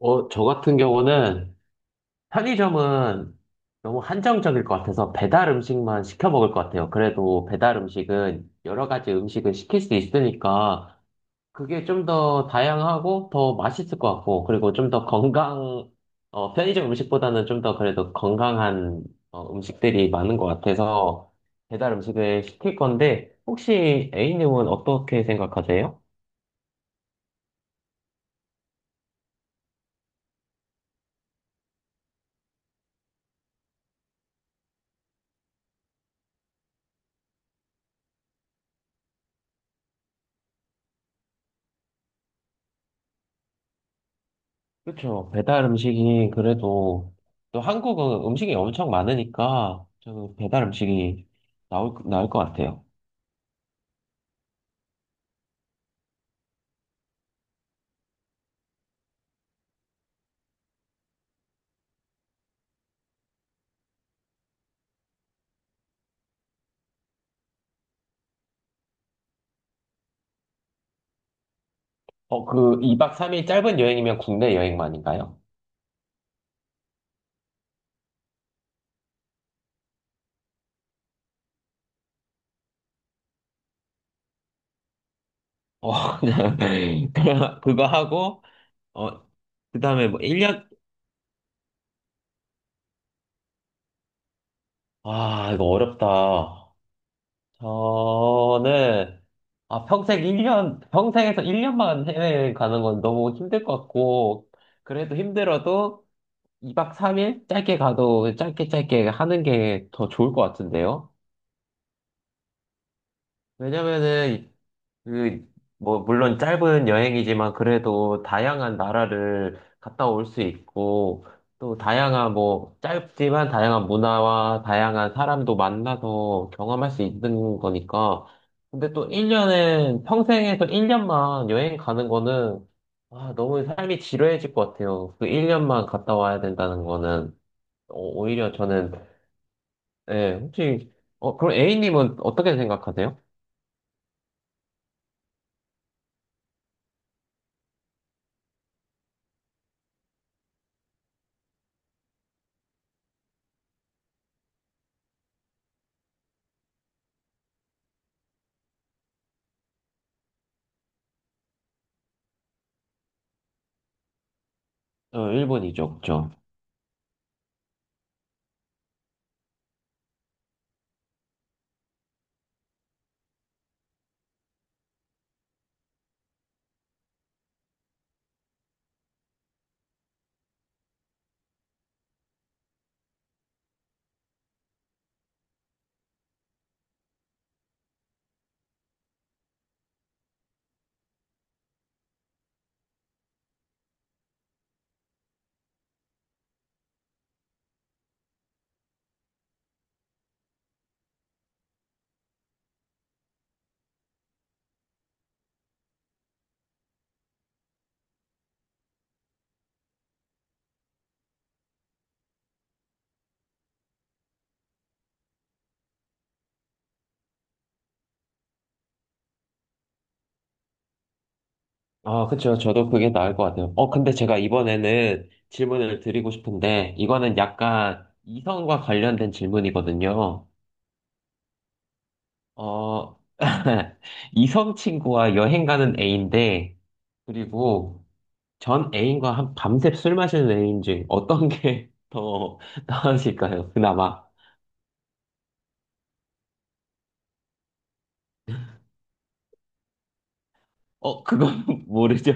저 같은 경우는 편의점은 너무 한정적일 것 같아서 배달 음식만 시켜 먹을 것 같아요. 그래도 배달 음식은 여러 가지 음식을 시킬 수 있으니까 그게 좀 더 다양하고 더 맛있을 것 같고, 그리고 좀 더 편의점 음식보다는 좀 더 그래도 건강한 음식들이 많은 것 같아서 배달 음식을 시킬 건데, 혹시 A님은 어떻게 생각하세요? 그렇죠. 배달 음식이 그래도 또 한국은 음식이 엄청 많으니까 저는 배달 음식이 나올 것 같아요. 그 2박 3일 짧은 여행이면 국내 여행만인가요? 어, 그냥 그냥 그거 하고 어, 그다음에 뭐 1년. 이거 어렵다. 저는, 평생 1년, 평생에서 1년만 해외 가는 건 너무 힘들 것 같고, 그래도 힘들어도 2박 3일? 짧게 가도 짧게 짧게 하는 게 더 좋을 것 같은데요? 왜냐면은, 그, 뭐, 물론 짧은 여행이지만 그래도 다양한 나라를 갔다 올 수 있고, 또 다양한, 뭐, 짧지만 다양한 문화와 다양한 사람도 만나서 경험할 수 있는 거니까. 근데 또 1년은, 평생에서 1년만 여행 가는 거는, 너무 삶이 지루해질 것 같아요. 그 1년만 갔다 와야 된다는 거는, 어, 오히려 저는, 네, 혹시, 그럼 A님은 어떻게 생각하세요? 일본이죠, 그죠? 그쵸. 저도 그게 나을 것 같아요. 근데 제가 이번에는 질문을 드리고 싶은데, 이거는 약간 이성과 관련된 질문이거든요. 어, 이성 친구와 여행 가는 A인데, 그리고 전 애인과 한 밤새 술 마시는 애인지 어떤 게 더 나으실까요? 그나마. 그건 모르죠.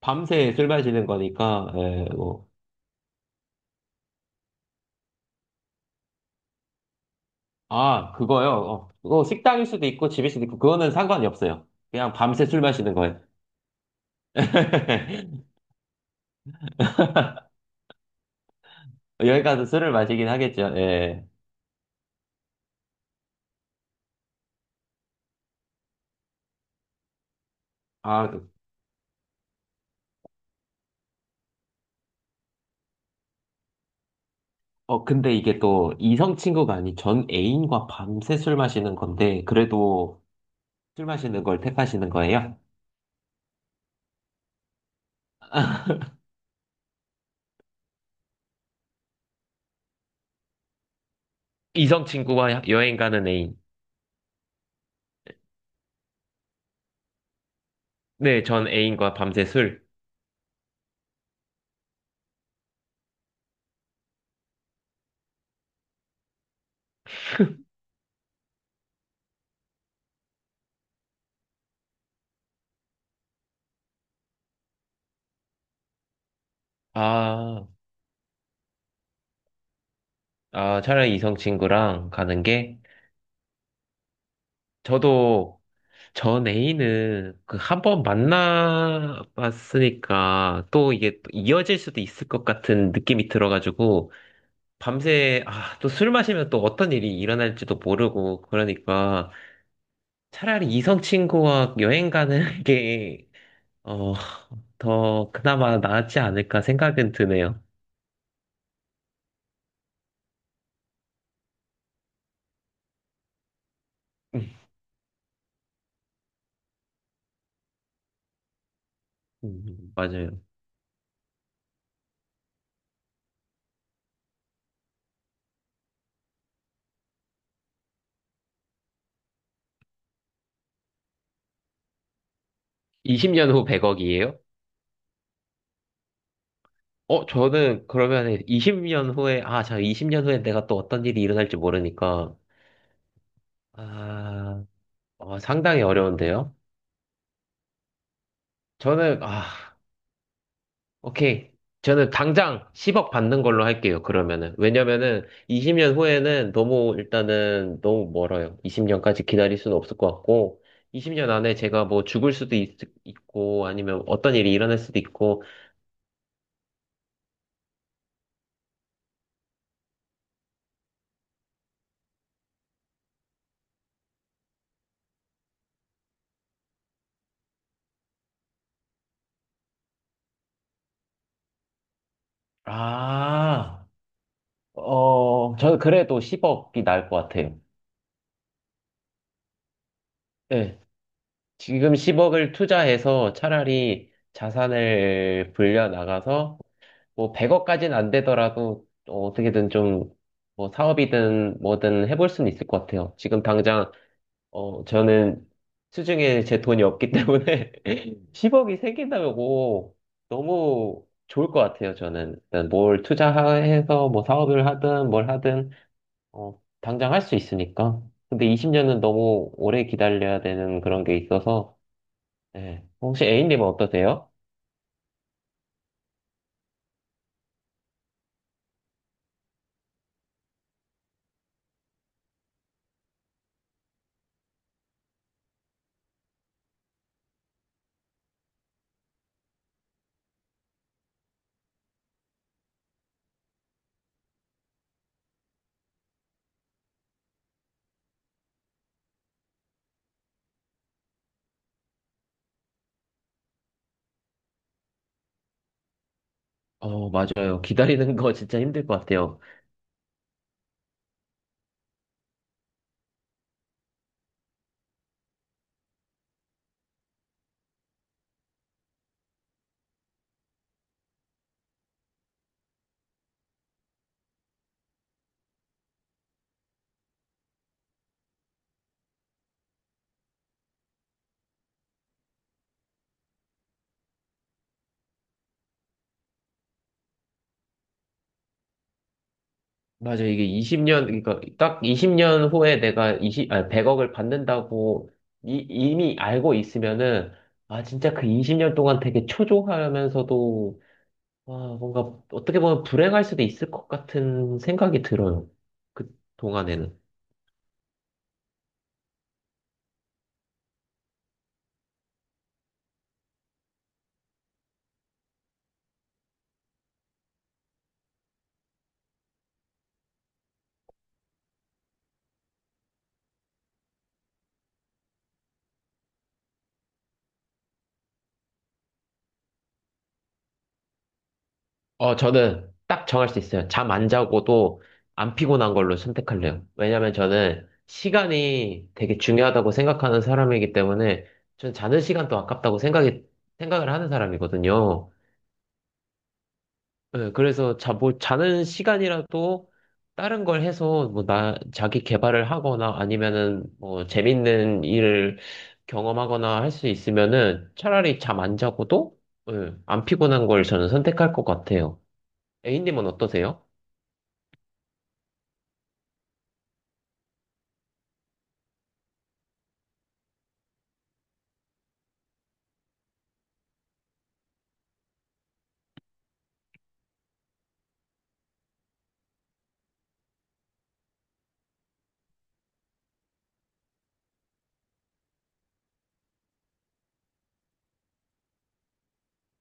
밤새 술 마시는 거니까, 예, 뭐. 그거요. 그거 식당일 수도 있고 집일 수도 있고 그거는 상관이 없어요. 그냥 밤새 술 마시는 거예요. 여기 가서 술을 마시긴 하겠죠. 예. 아, 그- 근데 이게 또 이성 친구가 아닌 전 애인과 밤새 술 마시는 건데, 그래도 술 마시는 걸 택하시는 거예요? 이성 친구와 여행 가는 애인. 네, 전 애인과 밤새 술. 아, 차라리 이성 친구랑 가는 게, 저도, 전 애인은 그 한 번 만나봤으니까 또 이게 또 이어질 수도 있을 것 같은 느낌이 들어가지고, 밤새 또 술 마시면 또 어떤 일이 일어날지도 모르고 그러니까 차라리 이성 친구와 여행 가는 게 어, 더 그나마 낫지 않을까 생각은 드네요. 음, 맞아요. 20년 후 100억이에요? 저는 그러면 20년 후에, 자, 20년 후에 내가 또 어떤 일이 일어날지 모르니까, 아, 상당히 어려운데요. 저는, 오케이. 저는 당장 10억 받는 걸로 할게요, 그러면은. 왜냐면은 20년 후에는 너무, 일단은 너무 멀어요. 20년까지 기다릴 수는 없을 것 같고, 20년 안에 제가 뭐 죽을 수도 있고, 아니면 어떤 일이 일어날 수도 있고, 아, 저는 그래도 10억이 나을 것 같아요. 네. 지금 10억을 투자해서 차라리 자산을 불려 나가서, 뭐 100억까지는 안 되더라도 어떻게든 좀 뭐 사업이든 뭐든 해볼 수는 있을 것 같아요. 지금 당장 저는 수중에 제 돈이 없기 때문에 10억이 생긴다고 너무 좋을 것 같아요. 저는 일단 뭘 투자해서 뭐 사업을 하든 뭘 하든 당장 할 수 있으니까. 근데 20년은 너무 오래 기다려야 되는 그런 게 있어서. 네. 혹시 A님은 어떠세요? 맞아요. 기다리는 거 진짜 힘들 것 같아요. 맞아. 이게 20년, 그러니까 딱 20년 후에 내가 100억을 받는다고 이미 알고 있으면은, 진짜 그 20년 동안 되게 초조하면서도, 와, 뭔가 어떻게 보면 불행할 수도 있을 것 같은 생각이 들어요. 그 동안에는. 저는 딱 정할 수 있어요. 잠 안 자고도 안 피곤한 걸로 선택할래요. 왜냐면 저는 시간이 되게 중요하다고 생각하는 사람이기 때문에, 전 자는 시간도 아깝다고 생각을 하는 사람이거든요. 네, 그래서 뭐 자는 시간이라도 다른 걸 해서 뭐 자기 개발을 하거나 아니면은 뭐 재밌는 일을 경험하거나 할 수 있으면은 차라리 잠 안 자고도, 예, 안 피곤한 걸 저는 선택할 것 같아요. A님은 어떠세요?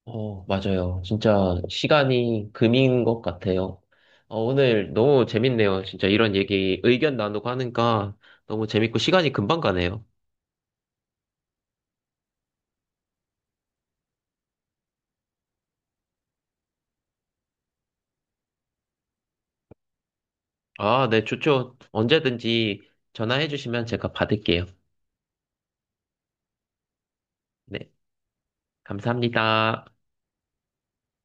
맞아요. 진짜 시간이 금인 것 같아요. 오늘 너무 재밌네요. 진짜 이런 얘기, 의견 나누고 하니까 너무 재밌고 시간이 금방 가네요. 네, 좋죠. 언제든지 전화해 주시면 제가 받을게요. 네, 감사합니다.